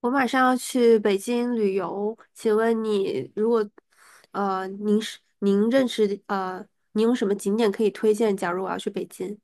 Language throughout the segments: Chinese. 我马上要去北京旅游，请问你如果，您是您认识的您有什么景点可以推荐？假如我要去北京，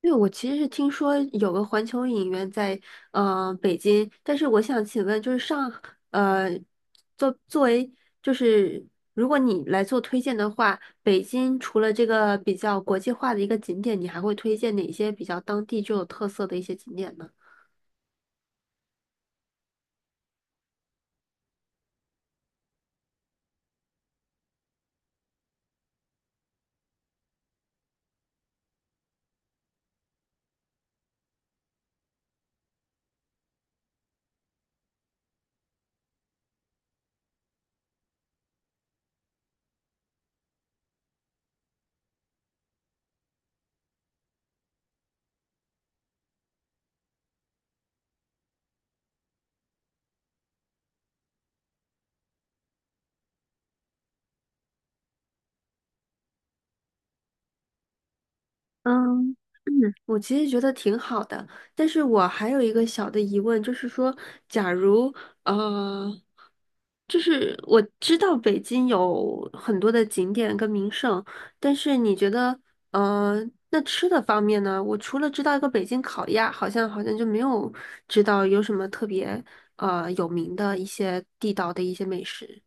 因为我其实是听说有个环球影院在北京，但是我想请问，就是上呃作为就是如果你来做推荐的话，北京除了这个比较国际化的一个景点，你还会推荐哪些比较当地具有特色的一些景点呢？嗯。我其实觉得挺好的，但是我还有一个小的疑问，就是说，假如呃，就是我知道北京有很多的景点跟名胜，但是你觉得，呃，那吃的方面呢？我除了知道一个北京烤鸭，好像就没有知道有什么特别有名的一些地道的一些美食。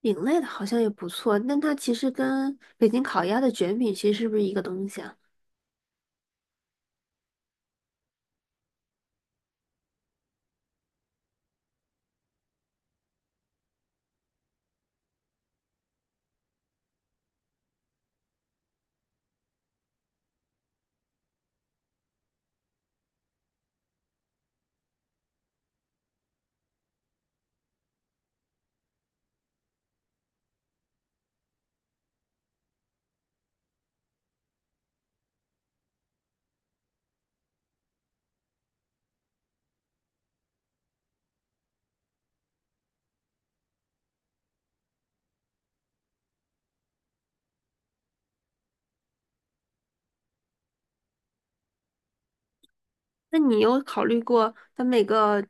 饼类的好像也不错，但它其实跟北京烤鸭的卷饼其实是不是一个东西啊？那你有考虑过，它每个，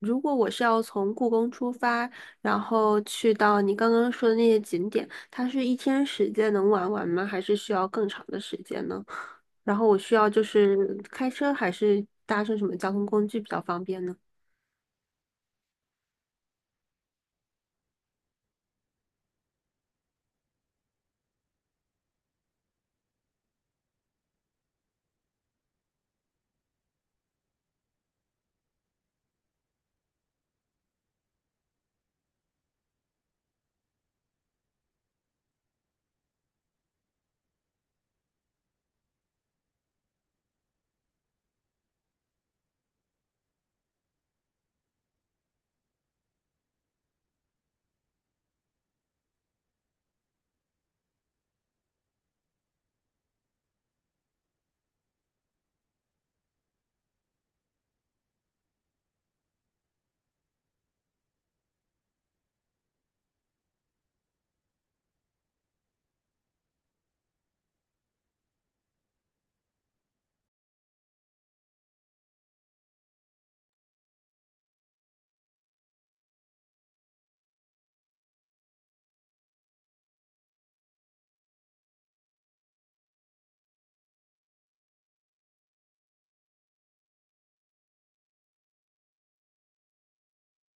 如果我是要从故宫出发，然后去到你刚刚说的那些景点，它是一天时间能玩完吗？还是需要更长的时间呢？然后我需要就是开车还是搭乘什么交通工具比较方便呢？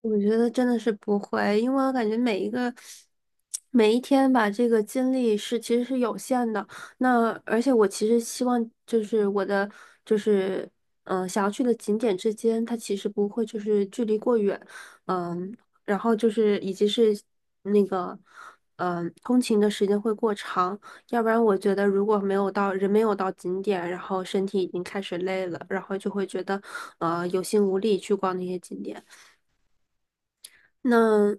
我觉得真的是不会，因为我感觉每一个每一天吧，这个精力是其实是有限的。那而且我其实希望就是我的就是想要去的景点之间，它其实不会就是距离过远，嗯，然后就是以及是那个通勤的时间会过长，要不然我觉得如果没有到人没有到景点，然后身体已经开始累了，然后就会觉得有心无力去逛那些景点。那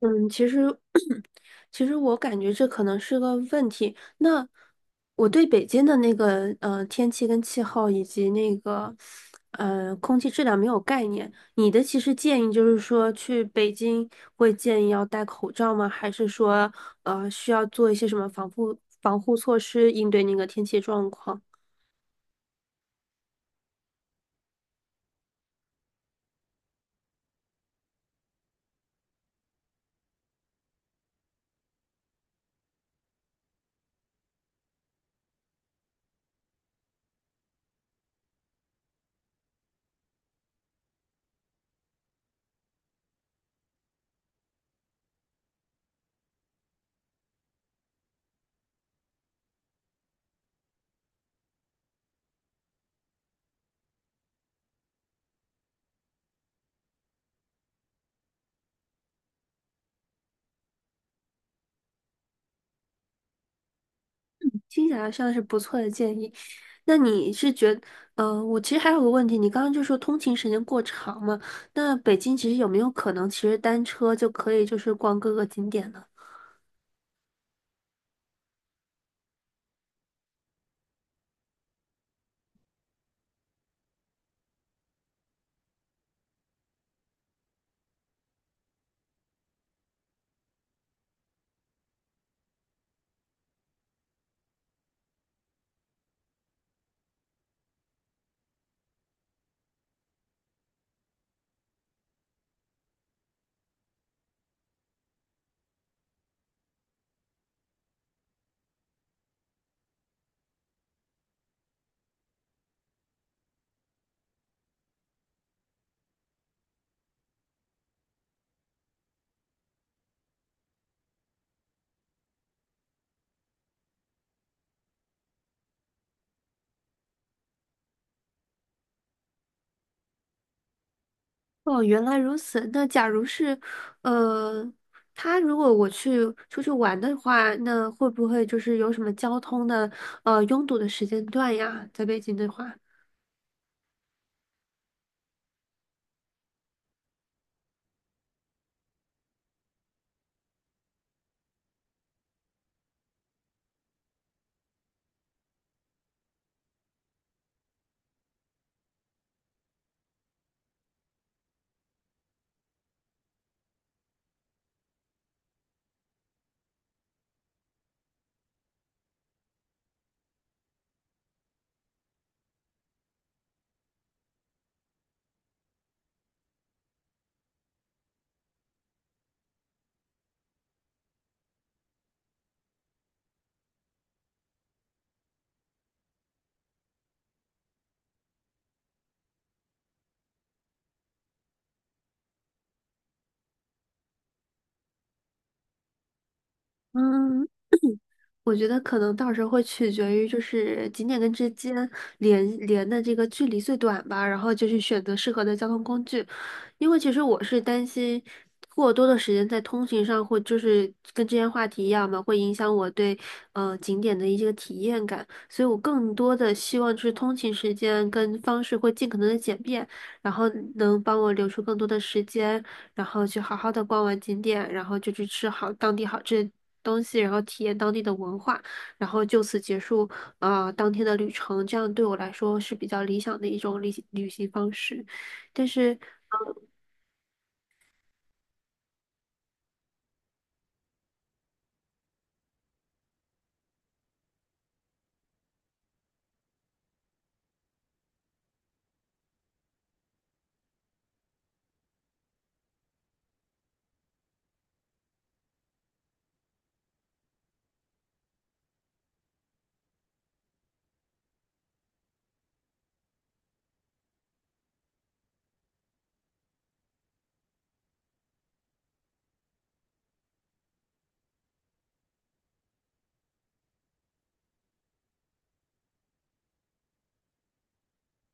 嗯，其实，其实我感觉这可能是个问题。那我对北京的那个天气跟气候以及那个空气质量没有概念。你的其实建议就是说去北京会建议要戴口罩吗？还是说需要做一些什么防护措施应对那个天气状况？听起来像是不错的建议。那你是觉得，我其实还有个问题，你刚刚就说通勤时间过长嘛？那北京其实有没有可能，其实单车就可以就是逛各个景点呢？哦，原来如此。那假如是，呃，他如果我去出去玩的话，那会不会就是有什么交通的，拥堵的时间段呀？在北京的话。嗯，我觉得可能到时候会取决于就是景点跟之间连的这个距离最短吧，然后就去选择适合的交通工具。因为其实我是担心过多的时间在通勤上会就是跟之前话题一样嘛，会影响我对景点的一些体验感，所以我更多的希望就是通勤时间跟方式会尽可能的简便，然后能帮我留出更多的时间。然后去好好的逛完景点，然后就去吃好当地好吃的东西，然后体验当地的文化，然后就此结束啊当天的旅程。这样对我来说是比较理想的一种旅行方式，但是。